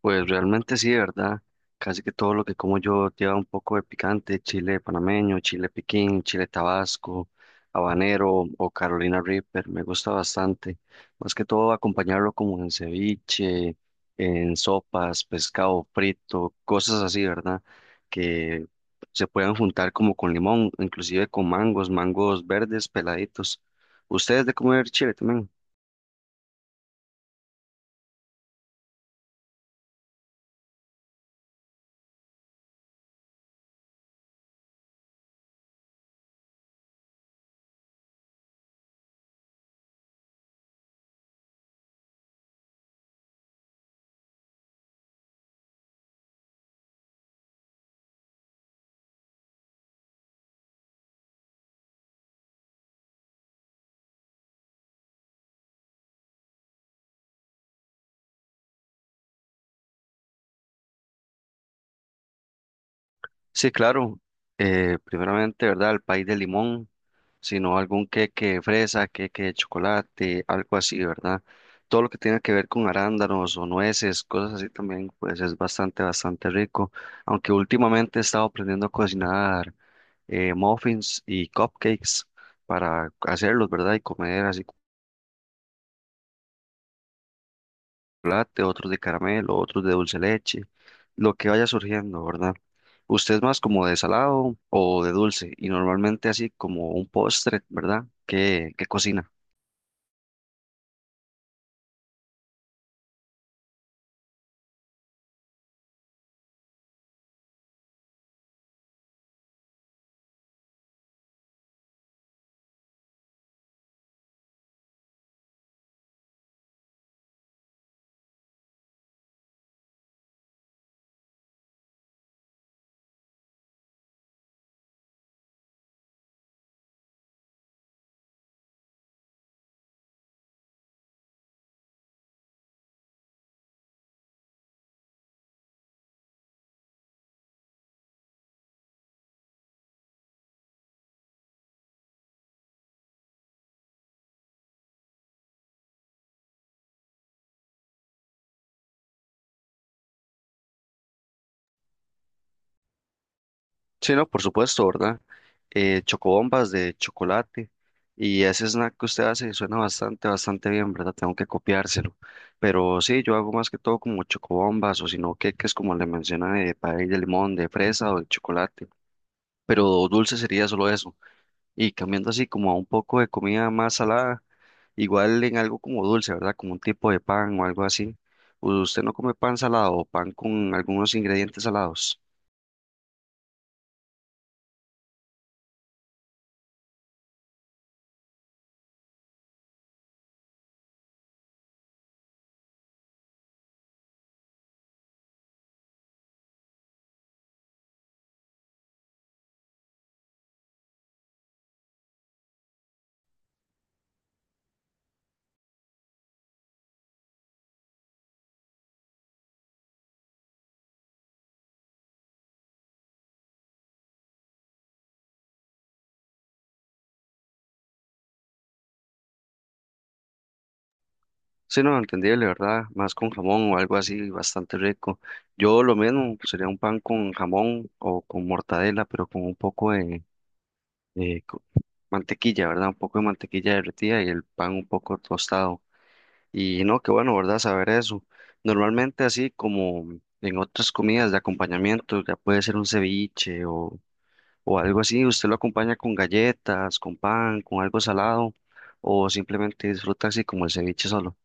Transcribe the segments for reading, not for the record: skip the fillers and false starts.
Pues realmente sí, ¿verdad? Casi que todo lo que como yo lleva un poco de picante, chile panameño, chile piquín, chile tabasco, habanero o Carolina Reaper, me gusta bastante. Más que todo acompañarlo como en ceviche, en sopas, pescado frito, cosas así, ¿verdad? Que se puedan juntar como con limón, inclusive con mangos, mangos verdes peladitos. ¿Ustedes de comer chile también? Sí, claro. Primeramente, ¿verdad? El país de limón, sino algún queque de fresa, queque de chocolate, algo así, ¿verdad? Todo lo que tenga que ver con arándanos o nueces, cosas así también, pues es bastante, bastante rico. Aunque últimamente he estado aprendiendo a cocinar muffins y cupcakes para hacerlos, ¿verdad? Y comer así chocolate, otros de caramelo, otros de dulce leche, lo que vaya surgiendo, ¿verdad? Usted es más como de salado o de dulce y normalmente así como un postre, ¿verdad? ¿Qué, qué cocina? Sí, no, por supuesto, ¿verdad? Chocobombas de chocolate y ese snack que usted hace suena bastante, bastante bien, ¿verdad? Tengo que copiárselo. Pero sí, yo hago más que todo como chocobombas o si no queques como le menciona de pay de limón, de fresa o de chocolate. Pero dulce sería solo eso. Y cambiando así como a un poco de comida más salada, igual en algo como dulce, ¿verdad? Como un tipo de pan o algo así. ¿Usted no come pan salado o pan con algunos ingredientes salados? Sí, no, entendible, ¿verdad? Más con jamón o algo así, bastante rico. Yo lo mismo, sería un pan con jamón o con mortadela, pero con un poco de mantequilla, ¿verdad? Un poco de mantequilla derretida y el pan un poco tostado. Y no, qué bueno, ¿verdad? Saber eso. Normalmente así como en otras comidas de acompañamiento, ya puede ser un ceviche o algo así, usted lo acompaña con galletas, con pan, con algo salado o simplemente disfruta así como el ceviche solo.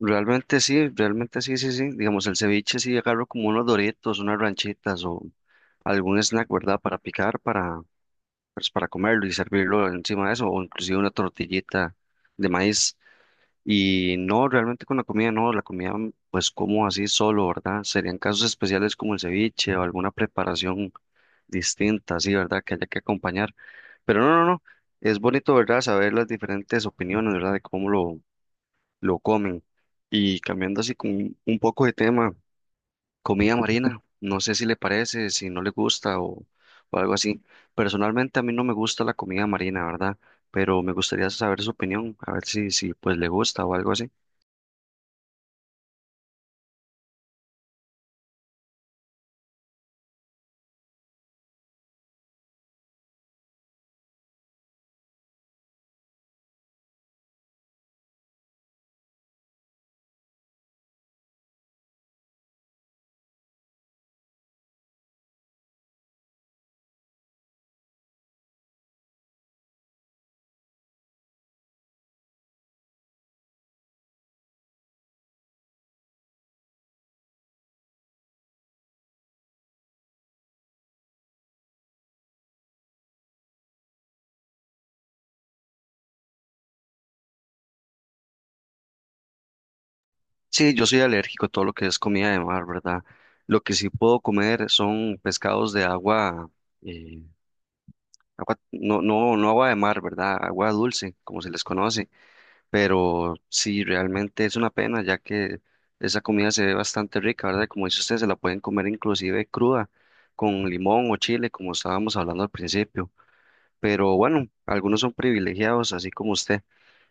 Realmente sí, sí, sí. Digamos, el ceviche sí agarro como unos doritos, unas ranchitas o algún snack, ¿verdad? Para picar, para, pues, para comerlo y servirlo encima de eso o inclusive una tortillita de maíz. Y no, realmente con la comida no, la comida pues como así solo, ¿verdad? Serían casos especiales como el ceviche o alguna preparación distinta, así, ¿verdad? Que haya que acompañar. Pero no, no, no, es bonito, ¿verdad? Saber las diferentes opiniones, ¿verdad? De lo comen. Y cambiando así con un poco de tema, comida marina, no sé si le parece, si no le gusta o algo así. Personalmente a mí no me gusta la comida marina, ¿verdad? Pero me gustaría saber su opinión, a ver si pues le gusta o algo así. Sí, yo soy alérgico a todo lo que es comida de mar, ¿verdad? Lo que sí puedo comer son pescados de agua, eh, agua, no, no, no agua de mar, ¿verdad? Agua dulce, como se les conoce. Pero sí, realmente es una pena, ya que esa comida se ve bastante rica, ¿verdad? Y como dice usted, se la pueden comer inclusive cruda, con limón o chile, como estábamos hablando al principio. Pero bueno, algunos son privilegiados, así como usted.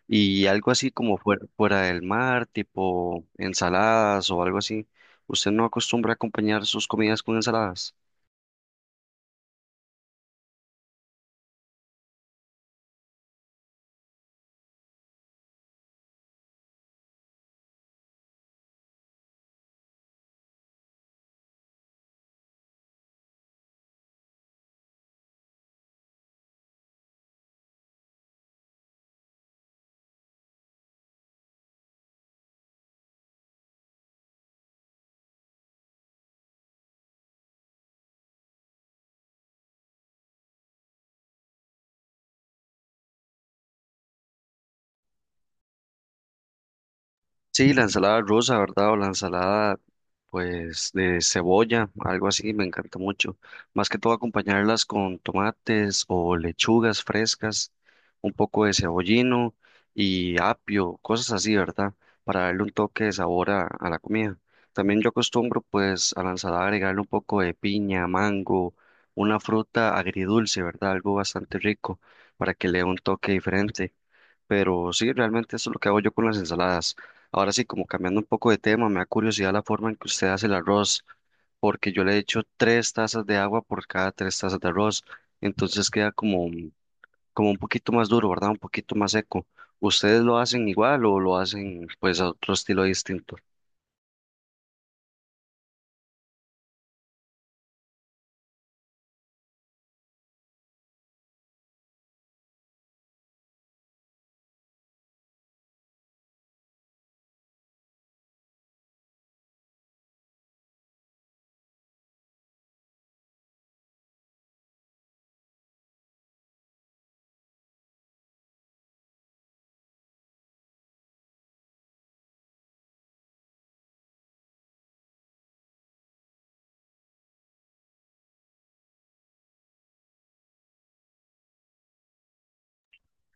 Y algo así como fuera, fuera del mar, tipo ensaladas o algo así. ¿Usted no acostumbra a acompañar sus comidas con ensaladas? Sí, la ensalada rusa, ¿verdad? O la ensalada, pues, de cebolla, algo así, me encanta mucho. Más que todo acompañarlas con tomates o lechugas frescas, un poco de cebollino y apio, cosas así, ¿verdad? Para darle un toque de sabor a la comida. También yo acostumbro, pues, a la ensalada agregarle un poco de piña, mango, una fruta agridulce, ¿verdad? Algo bastante rico para que le dé un toque diferente. Pero sí, realmente eso es lo que hago yo con las ensaladas. Ahora sí, como cambiando un poco de tema, me da curiosidad la forma en que usted hace el arroz, porque yo le echo tres tazas de agua por cada tres tazas de arroz, entonces queda como un poquito más duro, ¿verdad? Un poquito más seco. ¿Ustedes lo hacen igual o lo hacen pues a otro estilo distinto?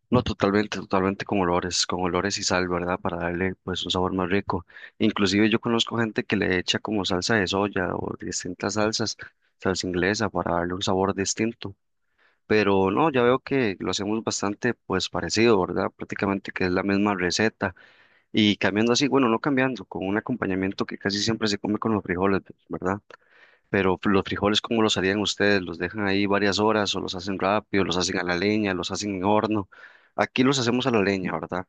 No, totalmente, totalmente con olores y sal, ¿verdad? Para darle pues un sabor más rico. Inclusive yo conozco gente que le echa como salsa de soya o distintas salsas, salsa inglesa, para darle un sabor distinto. Pero no, ya veo que lo hacemos bastante pues parecido, ¿verdad? Prácticamente que es la misma receta. Y cambiando así, bueno, no cambiando, con un acompañamiento que casi siempre se come con los frijoles, ¿verdad? Pero los frijoles, ¿cómo los harían ustedes? ¿Los dejan ahí varias horas o los hacen rápido, los hacen a la leña, los hacen en horno? Aquí los hacemos a la leña, ¿verdad?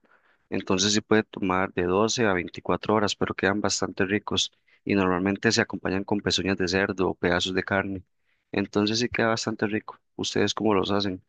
Entonces sí puede tomar de 12 a 24 horas, pero quedan bastante ricos y normalmente se acompañan con pezuñas de cerdo o pedazos de carne. Entonces sí queda bastante rico. ¿Ustedes cómo los hacen?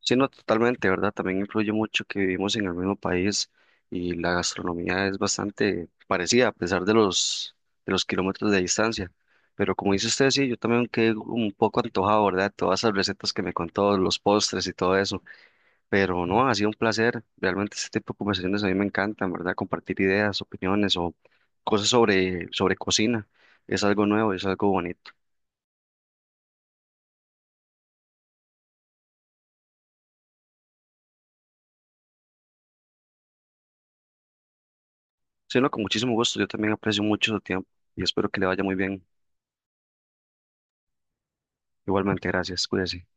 Sí, no, totalmente, ¿verdad? También influye mucho que vivimos en el mismo país y la gastronomía es bastante parecida a pesar de de los kilómetros de distancia. Pero como dice usted, sí, yo también quedé un poco antojado, ¿verdad? Todas esas recetas que me contó, los postres y todo eso. Pero no, ha sido un placer. Realmente este tipo de conversaciones a mí me encantan, ¿verdad? Compartir ideas, opiniones o cosas sobre cocina. Es algo nuevo, es algo bonito. Sí, no, con muchísimo gusto. Yo también aprecio mucho su tiempo y espero que le vaya muy bien. Igualmente, gracias. Cuídese.